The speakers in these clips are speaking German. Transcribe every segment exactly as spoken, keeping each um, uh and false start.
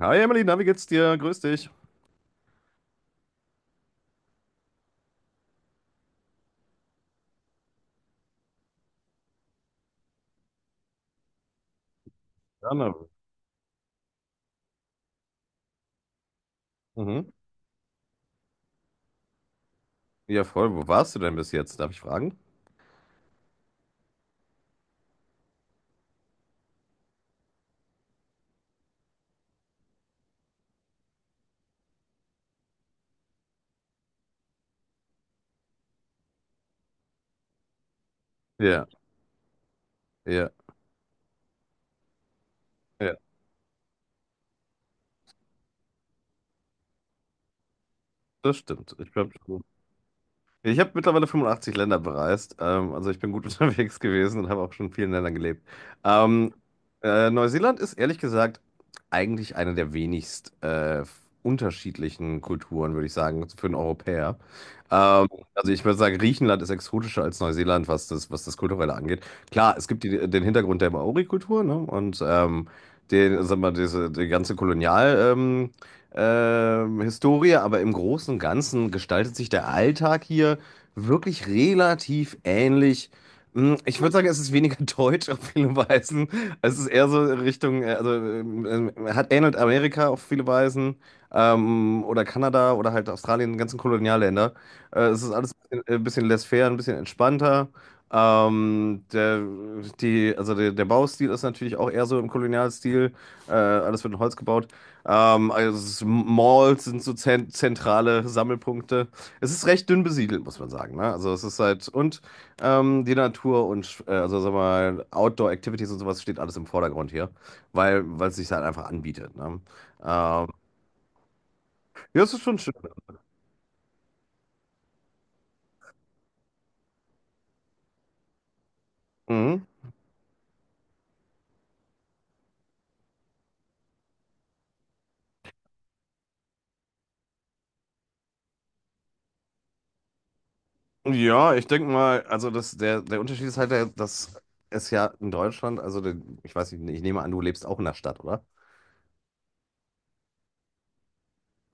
Hi Emily, na, wie geht's dir? Grüß dich. Gerne. Mhm. Ja, voll. Wo warst du denn bis jetzt? Darf ich fragen? Ja, ja, ja, das stimmt. Ich glaube, Ich habe mittlerweile fünfundachtzig Länder bereist. Ähm, also ich bin gut unterwegs gewesen und habe auch schon in vielen Ländern gelebt. Ähm, äh, Neuseeland ist ehrlich gesagt eigentlich eine der wenigst äh, unterschiedlichen Kulturen, würde ich sagen, für einen Europäer. Ähm, also ich würde sagen, Griechenland ist exotischer als Neuseeland, was das, was das Kulturelle angeht. Klar, es gibt die, den Hintergrund der Maori-Kultur, ne? Und ähm, den, sag mal, diese, die ganze Kolonial. Ähm, ähm, Historie, aber im Großen und Ganzen gestaltet sich der Alltag hier wirklich relativ ähnlich. Hm, Ich würde sagen, es ist weniger deutsch auf viele Weisen. Es ist eher so Richtung, äh, also ähm, ähm, hat ähnelt Amerika auf viele Weisen ähm, oder Kanada oder halt Australien, die ganzen Kolonialländer. Äh, es ist alles ein bisschen, ein bisschen laissez-faire, ein bisschen entspannter. Ähm, der, die, also der, Der Baustil ist natürlich auch eher so im Kolonialstil. Äh, alles wird in Holz gebaut. Ähm, also es- Malls sind so zen- zentrale Sammelpunkte. Es ist recht dünn besiedelt, muss man sagen. Ne? Also es ist halt, und ähm, die Natur und äh, also sag mal, Outdoor-Activities und sowas steht alles im Vordergrund hier, weil weil es sich halt einfach anbietet. Ne? Ähm, ja, es ist schon schön. Mhm. Ja, ich denke mal, also das, der, der Unterschied ist halt, der, dass es ja in Deutschland, also der, ich weiß nicht, ich nehme an, du lebst auch in der Stadt, oder?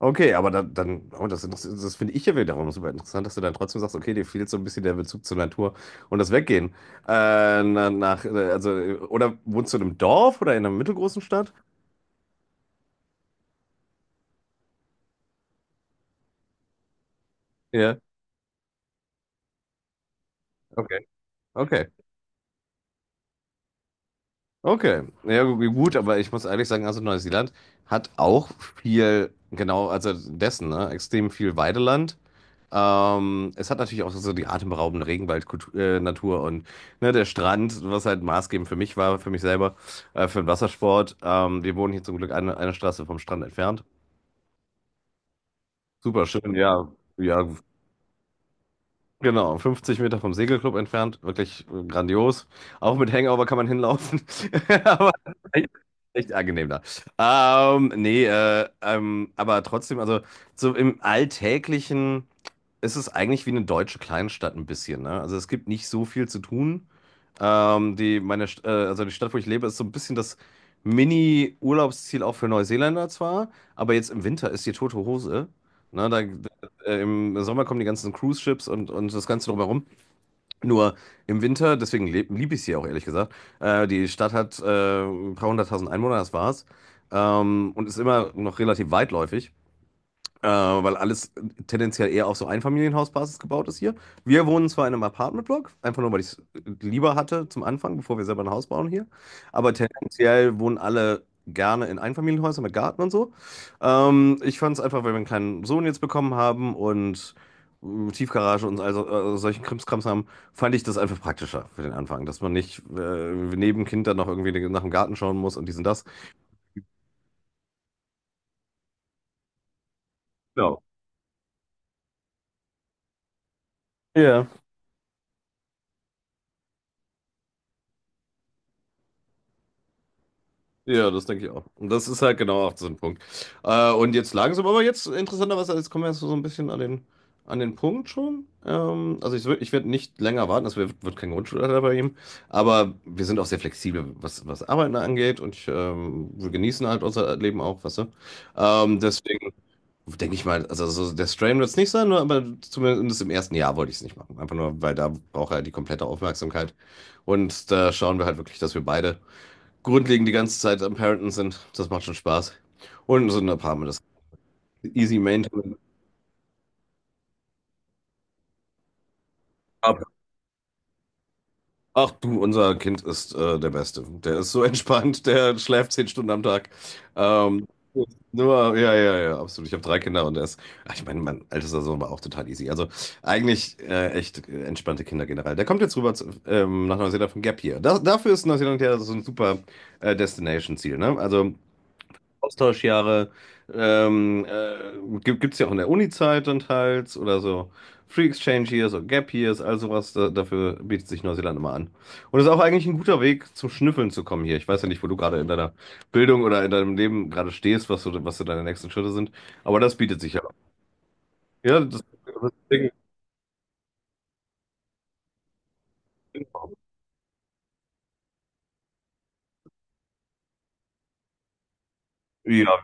Okay, aber dann, dann oh, das, das, das finde ich ja wiederum super interessant, dass du dann trotzdem sagst, okay, dir fehlt so ein bisschen der Bezug zur Natur und das Weggehen. Äh, na- nach, äh, also, äh, oder wohnst du in einem Dorf oder in einer mittelgroßen Stadt? Ja, okay, okay. Okay, ja gu- gut, aber ich muss ehrlich sagen, also Neuseeland hat auch viel, genau, also dessen, ne, extrem viel Weideland. Ähm, es hat natürlich auch so die atemberaubende Regenwaldnatur äh, Natur und ne, der Strand, was halt maßgebend für mich war, für mich selber, äh, für den Wassersport. Ähm, wir wohnen hier zum Glück eine, eine Straße vom Strand entfernt. Super schön, ja, ja, genau, fünfzig Meter vom Segelclub entfernt, wirklich äh, grandios. Auch mit Hangover kann man hinlaufen, aber echt, echt angenehm da. Ähm, nee, äh, ähm, aber trotzdem, also so im Alltäglichen ist es eigentlich wie eine deutsche Kleinstadt ein bisschen, ne? Also es gibt nicht so viel zu tun. Ähm, die, meine, St- äh, also die Stadt, wo ich lebe, ist so ein bisschen das Mini-Urlaubsziel auch für Neuseeländer zwar, aber jetzt im Winter ist die tote Hose. Ne, da, äh, Im Sommer kommen die ganzen Cruise-Ships und, und das Ganze drumherum. Nur im Winter, deswegen liebe ich sie auch ehrlich gesagt. Äh, die Stadt hat äh, ein paar hunderttausend Einwohner, das war's. Ähm, und ist immer noch relativ weitläufig. Äh, weil alles tendenziell eher auf so Einfamilienhausbasis gebaut ist hier. Wir wohnen zwar in einem Apartmentblock, einfach nur, weil ich es lieber hatte zum Anfang, bevor wir selber ein Haus bauen hier. Aber tendenziell wohnen alle gerne in Einfamilienhäusern mit Garten und so. Ähm, ich fand es einfach, weil wir einen kleinen Sohn jetzt bekommen haben und äh, Tiefgarage und also, äh, solchen Krimskrams haben, fand ich das einfach praktischer für den Anfang, dass man nicht äh, neben Kind dann noch irgendwie nach dem Garten schauen muss und dies und das. Genau. Ja. Ja, das denke ich auch. Und das ist halt genau auch so ein Punkt. Äh, und jetzt langsam, aber jetzt interessanterweise, jetzt kommen wir jetzt so ein bisschen an den, an den Punkt schon. Ähm, also ich, wür- ich werde nicht länger warten, das wird, wird kein Grundschulalter bei ihm. Aber wir sind auch sehr flexibel, was, was Arbeiten angeht. Und ich, ähm, wir genießen halt unser Leben auch, weißt du. Ähm, deswegen denke ich mal, also so der Strain wird es nicht sein, nur- aber zumindest im ersten Jahr wollte ich es nicht machen. Einfach nur, weil da braucht er die komplette Aufmerksamkeit. Und da schauen wir halt wirklich, dass wir beide grundlegend die ganze Zeit am Parenten sind. Das macht schon Spaß. Und sind ein paar Mal das easy maintain. Aber ach du, unser Kind ist äh, der Beste. Der ist so entspannt, der schläft zehn Stunden am Tag. Ähm, Nur, ja, ja, ja, absolut. Ich habe drei Kinder und er ist, ach, ich meine, mein ältester Sohn war auch total easy. Also eigentlich äh, echt äh, entspannte Kinder generell. Der kommt jetzt rüber zu, ähm, nach Neuseeland von Gap hier. Da, dafür ist Neuseeland ja so ein super äh, Destination-Ziel. Ne? Also Austauschjahre ähm, äh, gibt es ja auch in der Uni-Zeit dann teils oder so Free Exchange Years oder Gap Years, all sowas. Da, dafür bietet sich Neuseeland immer an. Und das ist auch eigentlich ein guter Weg zum Schnüffeln zu kommen hier. Ich weiß ja nicht, wo du gerade in deiner Bildung oder in deinem Leben gerade stehst, was so, was so deine nächsten Schritte sind, aber das bietet sich ja. Ja, das, das Ding. Ja,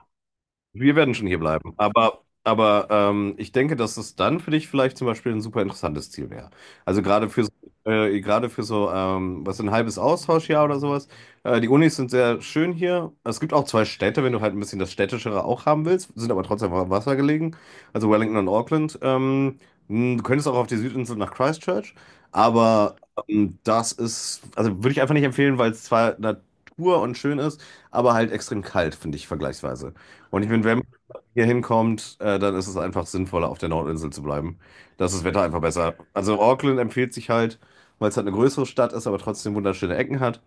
wir werden schon hier bleiben. Aber, aber ähm, ich denke, dass es dann für dich vielleicht zum Beispiel ein super interessantes Ziel wäre. Also gerade für, so- äh, gerade für so, ähm, was ein halbes Austauschjahr oder sowas. Äh, die Unis sind sehr schön hier. Es gibt auch zwei Städte, wenn du halt ein bisschen das Städtischere auch haben willst, sind aber trotzdem am Wasser gelegen. Also Wellington und Auckland. Ähm, mh, du könntest auch auf die Südinsel nach Christchurch. Aber ähm, das ist, also würde ich einfach nicht empfehlen, weil es zwar Natur und schön ist, aber halt extrem kalt, finde ich vergleichsweise. Und ich finde, wenn man hier hinkommt, äh, dann ist es einfach sinnvoller, auf der Nordinsel zu bleiben. Da ist das Wetter einfach besser. Also Auckland empfiehlt sich halt, weil es halt eine größere Stadt ist, aber trotzdem wunderschöne Ecken hat.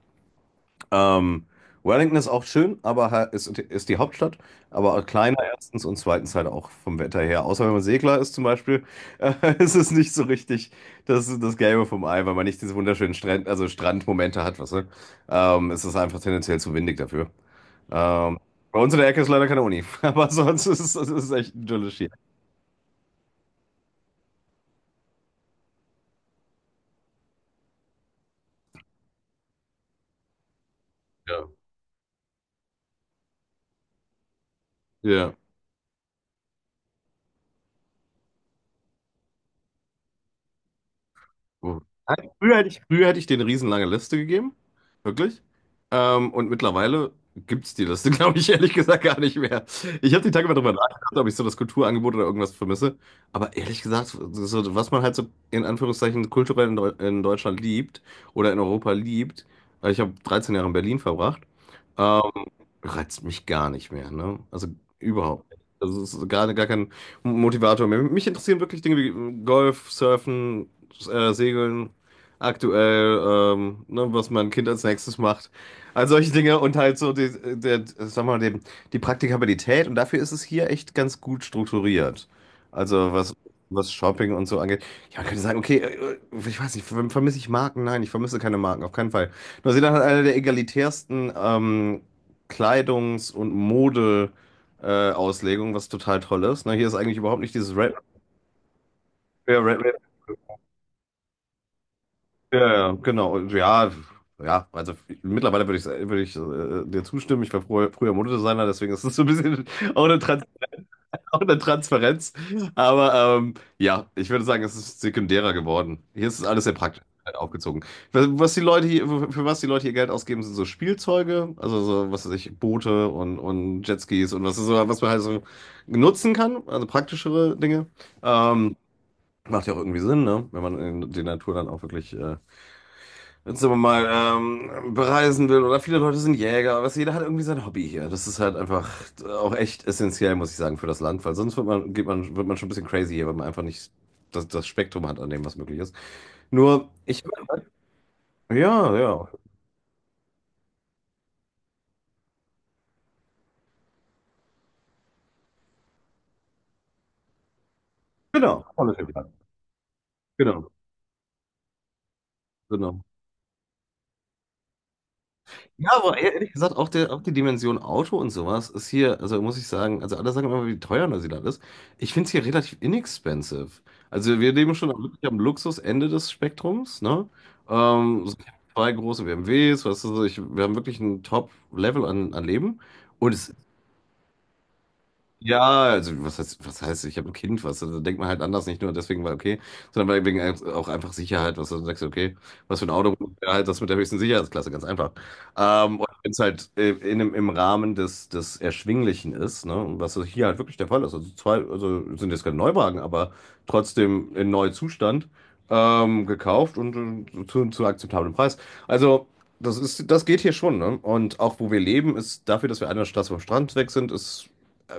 Ähm, Wellington ist auch schön, aber ha- ist, ist die Hauptstadt, aber auch kleiner erstens und zweitens halt auch vom Wetter her. Außer wenn man Segler ist zum Beispiel, äh, ist es nicht so richtig das, das Gelbe vom Ei, weil man nicht diese wunderschönen Strand, also Strandmomente hat, weißt du? Ähm, es ist einfach tendenziell zu windig dafür. Ähm, Bei uns in der Ecke ist leider keine Uni, aber sonst ist es ist es echt idyllisch hier. Ja. Ja. Mhm. Nein, Früher hätte ich, früher hätte ich denen eine riesenlange Liste gegeben. Wirklich. Ähm, und mittlerweile gibt es die Liste, glaube ich, ehrlich gesagt gar nicht mehr. Ich habe die Tage mal drüber nachgedacht, ob ich so das Kulturangebot oder irgendwas vermisse. Aber ehrlich gesagt, so, was man halt so in Anführungszeichen kulturell in, Deu in Deutschland liebt oder in Europa liebt, weil ich habe 13 Jahre in Berlin verbracht, ähm, reizt mich gar nicht mehr. Ne? Also überhaupt nicht. Das ist gar, gar kein Motivator mehr. Mich interessieren wirklich Dinge wie Golf, Surfen äh, Segeln, aktuell, ähm, ne, was mein Kind als nächstes macht. All solche Dinge und halt so die, der, sag mal, die, die Praktikabilität und dafür ist es hier echt ganz gut strukturiert. Also was, was Shopping und so angeht. Ja, man könnte sagen, okay, äh, ich weiß nicht, verm- vermisse ich Marken? Nein, ich vermisse keine Marken, auf keinen Fall. Neuseeland hat eine der egalitärsten ähm, Kleidungs- und Mode- äh, Auslegungen, was total toll ist. Ne, hier ist eigentlich überhaupt nicht dieses Red, ja, ja, genau. Ja, ja, also mittlerweile würde ich, würde ich äh, dir zustimmen. Ich war früher, früher Modedesigner, deswegen ist es so ein bisschen auch eine, Trans auch eine Transparenz. Aber ähm, ja, ich würde sagen, es ist sekundärer geworden. Hier ist es alles sehr praktisch halt aufgezogen. Was, was die Leute hier, für für was die Leute hier Geld ausgeben, sind so Spielzeuge, also so, was weiß ich, Boote und, und Jetskis und was, so, was man halt so nutzen kann, also praktischere Dinge. Ähm, Macht ja auch irgendwie Sinn, ne? Wenn man in die Natur dann auch wirklich äh, sagen wir mal, ähm, bereisen will oder viele Leute sind Jäger, was jeder hat irgendwie sein Hobby hier. Das ist halt einfach auch echt essentiell, muss ich sagen, für das Land, weil sonst wird man, geht man, wird man schon ein bisschen crazy hier, weil man einfach nicht das, das Spektrum hat an dem, was möglich ist. Nur, ich, ja, ja, genau, Politics. Genau, genau. Ja, aber e-, ehrlich gesagt, auch, der, auch die Dimension Auto und sowas ist hier, also muss ich sagen, also alle sagen immer, wie teuer Neuseeland ist. Ich finde es hier relativ inexpensive. Also wir leben schon wirklich am Luxusende des Spektrums, ne? Ähm, so zwei große B M Ws, weißt du, so, ich, wir haben wirklich ein Top-Level an, an Leben. Und es ja, also was heißt, was heißt, ich habe ein Kind, was? Da denkt man halt anders, nicht nur deswegen, weil okay, sondern weil wegen ein- auch einfach Sicherheit, was du sagst, okay, was für ein Auto, ja, halt das mit der höchsten Sicherheitsklasse, ganz einfach. Ähm, und wenn es halt äh, in, einem- im Rahmen des, des Erschwinglichen ist, ne, und was hier halt wirklich der Fall ist, also zwei, also sind jetzt keine Neuwagen, aber trotzdem in neuem Zustand ähm, gekauft und äh, zu, zu akzeptablem Preis. Also das ist, das geht hier schon, ne? Und auch wo wir leben, ist dafür, dass wir einer Straße vom Strand weg sind, ist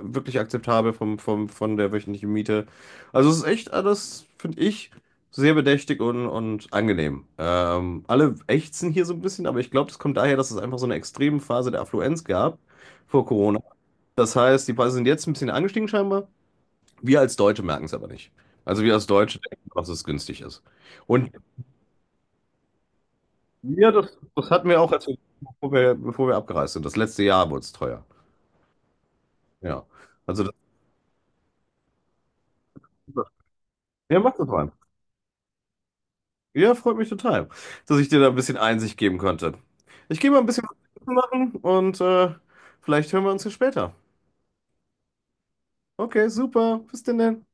wirklich akzeptabel vom, vom, von der wöchentlichen Miete. Also es ist echt alles, finde ich, sehr bedächtig und, und angenehm. Ähm, alle ächzen hier so ein bisschen, aber ich glaube, das kommt daher, dass es einfach so eine extreme Phase der Affluenz gab vor Corona. Das heißt, die Preise sind jetzt ein bisschen angestiegen scheinbar. Wir als Deutsche merken es aber nicht. Also wir als Deutsche denken, dass es günstig ist. Und wir, das, das hatten wir auch, als wir, bevor wir, bevor wir abgereist sind. Das letzte Jahr wurde es teuer. Ja. Also das, ja, macht das mal. Ja, freut mich total, dass ich dir da ein bisschen Einsicht geben konnte. Ich gehe mal ein bisschen was machen und äh, vielleicht hören wir uns ja später. Okay, super. Bis denn dann.